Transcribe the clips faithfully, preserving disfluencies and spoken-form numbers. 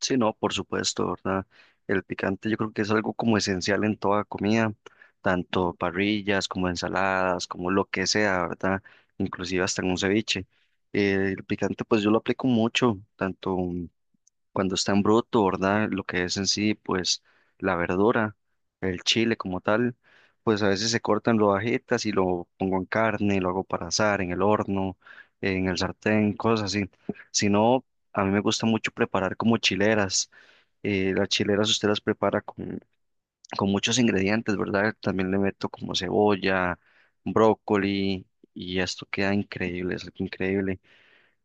Sí, no, por supuesto, ¿verdad? El picante yo creo que es algo como esencial en toda comida, tanto parrillas como ensaladas, como lo que sea, ¿verdad? Inclusive hasta en un ceviche. Eh, el picante pues yo lo aplico mucho, tanto cuando está en bruto, ¿verdad? Lo que es en sí pues la verdura, el chile como tal, pues a veces se cortan rodajitas y lo pongo en carne, lo hago para asar, en el horno, en el sartén, cosas así. Si no... A mí me gusta mucho preparar como chileras, eh, las chileras usted las prepara con, con muchos ingredientes, ¿verdad? También le meto como cebolla, brócoli y esto queda increíble, es algo increíble.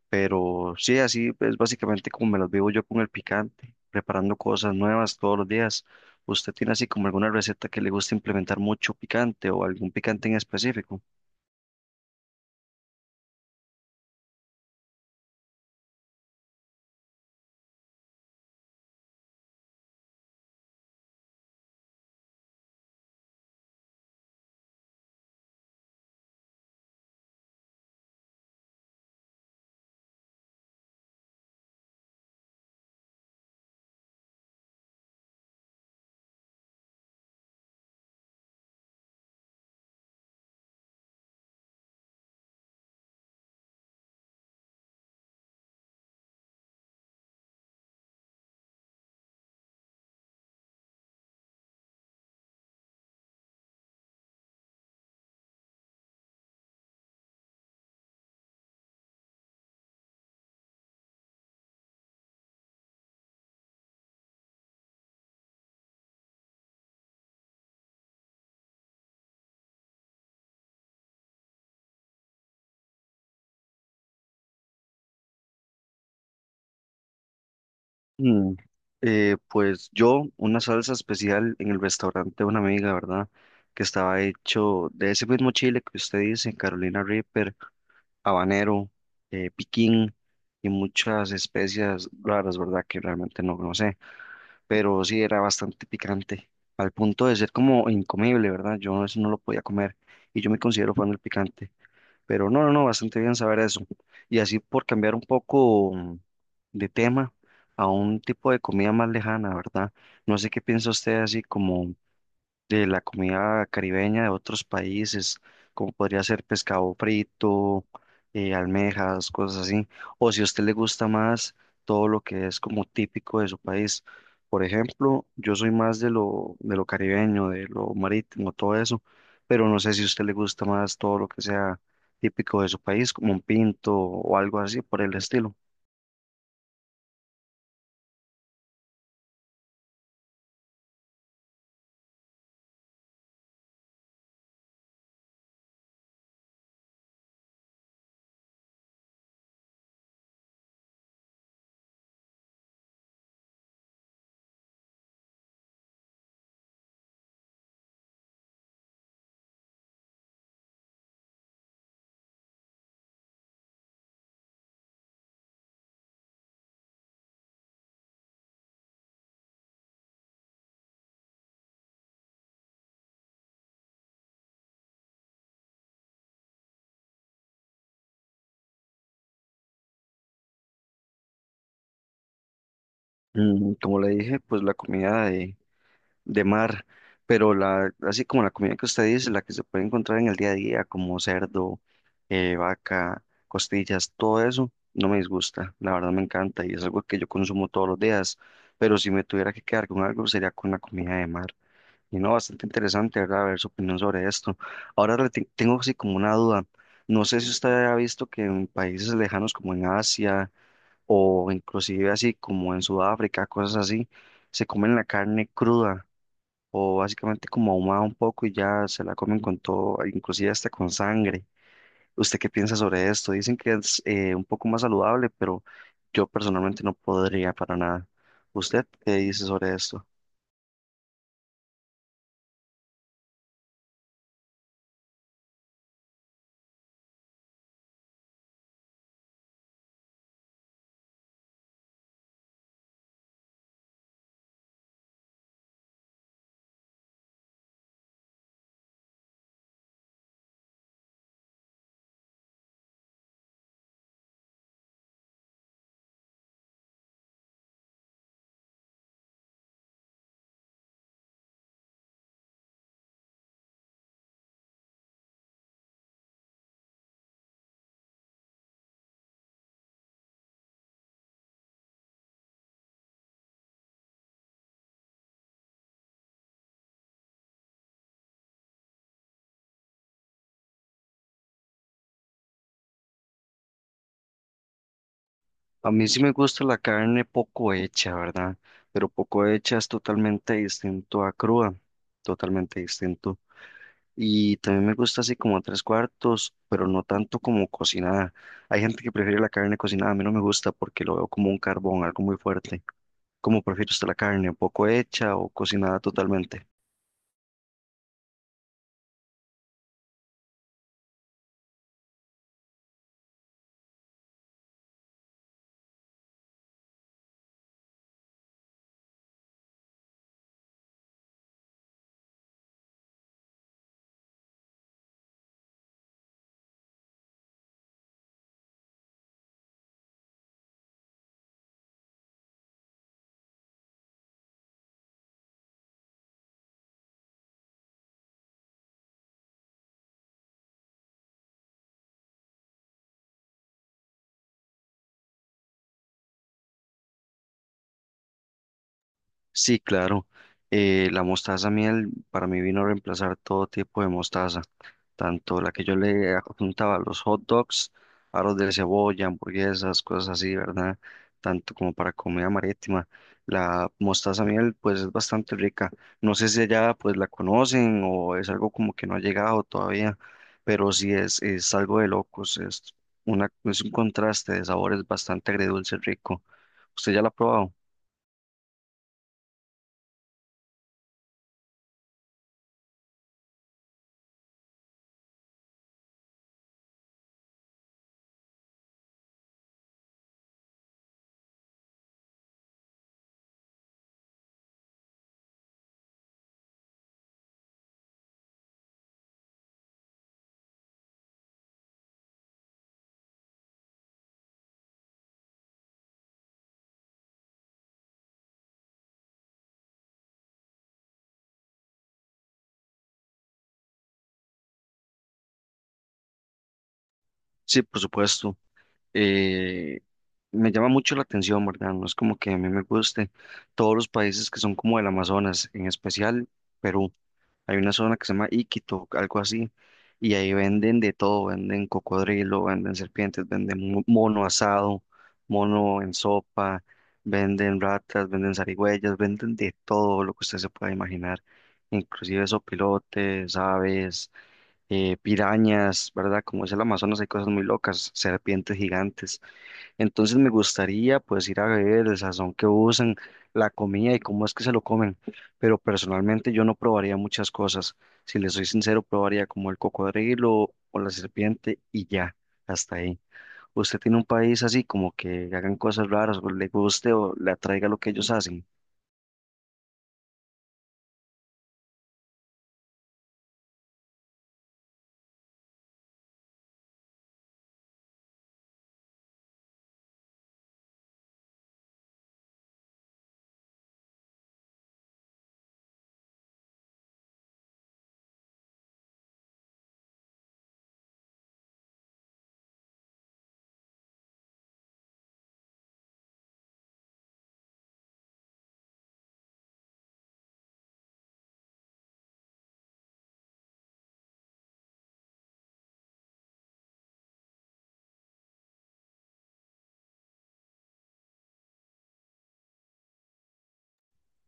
Pero sí, así es básicamente como me las vivo yo con el picante, preparando cosas nuevas todos los días. ¿Usted tiene así como alguna receta que le gusta implementar mucho picante o algún picante en específico? Mm, eh, pues yo, una salsa especial en el restaurante de una amiga, ¿verdad? Que estaba hecho de ese mismo chile que usted dice, Carolina Reaper, habanero, eh, piquín y muchas especias raras, ¿verdad? Que realmente no, no sé, pero sí era bastante picante, al punto de ser como incomible, ¿verdad? Yo eso no lo podía comer y yo me considero fan del picante. Pero no, no, no, bastante bien saber eso. Y así por cambiar un poco mm, de tema a un tipo de comida más lejana, ¿verdad? No sé qué piensa usted así como de la comida caribeña de otros países, como podría ser pescado frito, eh, almejas, cosas así. O si a usted le gusta más todo lo que es como típico de su país. Por ejemplo, yo soy más de lo, de lo caribeño, de lo marítimo, todo eso, pero no sé si a usted le gusta más todo lo que sea típico de su país, como un pinto o algo así por el estilo. Mm, Como le dije, pues la comida de de mar, pero la, así como la comida que usted dice, la que se puede encontrar en el día a día, como cerdo, eh, vaca, costillas, todo eso, no me disgusta, la verdad me encanta y es algo que yo consumo todos los días, pero si me tuviera que quedar con algo sería con la comida de mar. Y no, bastante interesante, ¿verdad? Ver su opinión sobre esto. Ahora le te- tengo así como una duda. No sé si usted ha visto que en países lejanos como en Asia o inclusive así como en Sudáfrica, cosas así, se comen la carne cruda o básicamente como ahumada un poco y ya se la comen con todo, inclusive hasta con sangre. ¿Usted qué piensa sobre esto? Dicen que es eh, un poco más saludable, pero yo personalmente no podría para nada. ¿Usted qué dice sobre esto? A mí sí me gusta la carne poco hecha, ¿verdad? Pero poco hecha es totalmente distinto a cruda, totalmente distinto. Y también me gusta así como a tres cuartos, pero no tanto como cocinada. Hay gente que prefiere la carne cocinada, a mí no me gusta porque lo veo como un carbón, algo muy fuerte. ¿Cómo prefiere usted la carne? ¿Un poco hecha o cocinada totalmente? Sí, claro. Eh, la mostaza miel para mí vino a reemplazar todo tipo de mostaza, tanto la que yo le adjuntaba a los hot dogs, aros de cebolla, hamburguesas, cosas así, ¿verdad? Tanto como para comida marítima. La mostaza miel pues es bastante rica. No sé si allá pues la conocen o es algo como que no ha llegado todavía, pero sí es, es algo de locos, es una, es un contraste de sabores bastante agridulce rico. ¿Usted ya la ha probado? Sí, por supuesto. eh, Me llama mucho la atención, ¿verdad? No es como que a mí me guste todos los países que son como el Amazonas, en especial Perú. Hay una zona que se llama Iquito, algo así, y ahí venden de todo, venden cocodrilo, venden serpientes, venden mo- mono asado, mono en sopa, venden ratas, venden zarigüeyas, venden de todo lo que usted se pueda imaginar, inclusive sopilotes, aves, eh, pirañas, ¿verdad? Como es el Amazonas, hay cosas muy locas, serpientes gigantes. Entonces me gustaría pues ir a ver el sazón que usan, la comida y cómo es que se lo comen. Pero personalmente yo no probaría muchas cosas. Si les soy sincero, probaría como el cocodrilo o la serpiente y ya, hasta ahí. ¿Usted tiene un país así como que hagan cosas raras o le guste o le atraiga lo que ellos hacen?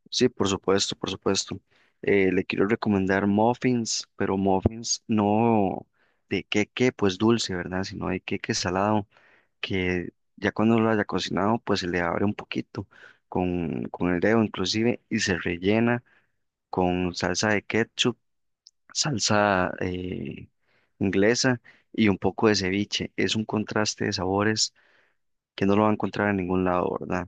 Sí, por supuesto, por supuesto. Eh, le quiero recomendar muffins, pero muffins no de queque, pues dulce, ¿verdad? Sino de queque salado que ya cuando lo haya cocinado, pues se le abre un poquito con, con el dedo inclusive y se rellena con salsa de ketchup, salsa eh, inglesa y un poco de ceviche. Es un contraste de sabores que no lo va a encontrar en ningún lado, ¿verdad?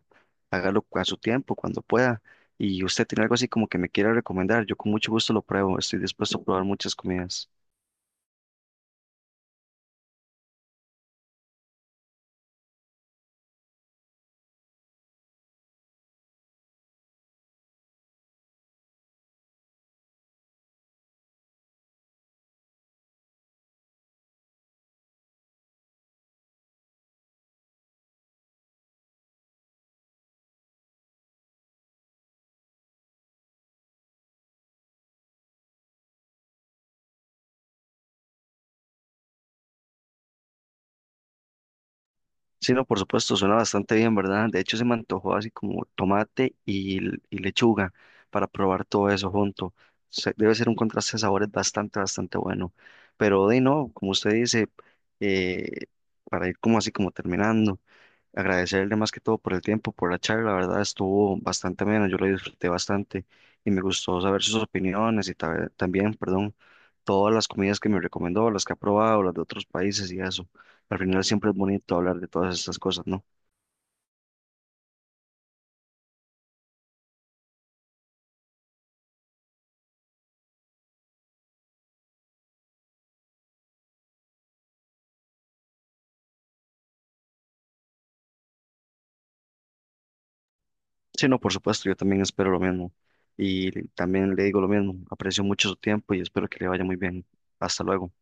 Hágalo a su tiempo, cuando pueda. Y usted tiene algo así como que me quiera recomendar, yo con mucho gusto lo pruebo, estoy dispuesto a probar muchas comidas. Sí, no, por supuesto, suena bastante bien, ¿verdad? De hecho, se me antojó así como tomate y, l- y lechuga para probar todo eso junto. Se- debe ser un contraste de sabores bastante, bastante bueno. Pero de no, como usted dice, eh, para ir como así como terminando, agradecerle más que todo por el tiempo, por la charla, la verdad estuvo bastante menos, yo lo disfruté bastante y me gustó saber sus opiniones y ta- también, perdón, todas las comidas que me recomendó, las que ha probado, las de otros países y eso. Al final siempre es bonito hablar de todas estas cosas, ¿no? Sí, no, por supuesto, yo también espero lo mismo. Y también le digo lo mismo, aprecio mucho su tiempo y espero que le vaya muy bien. Hasta luego.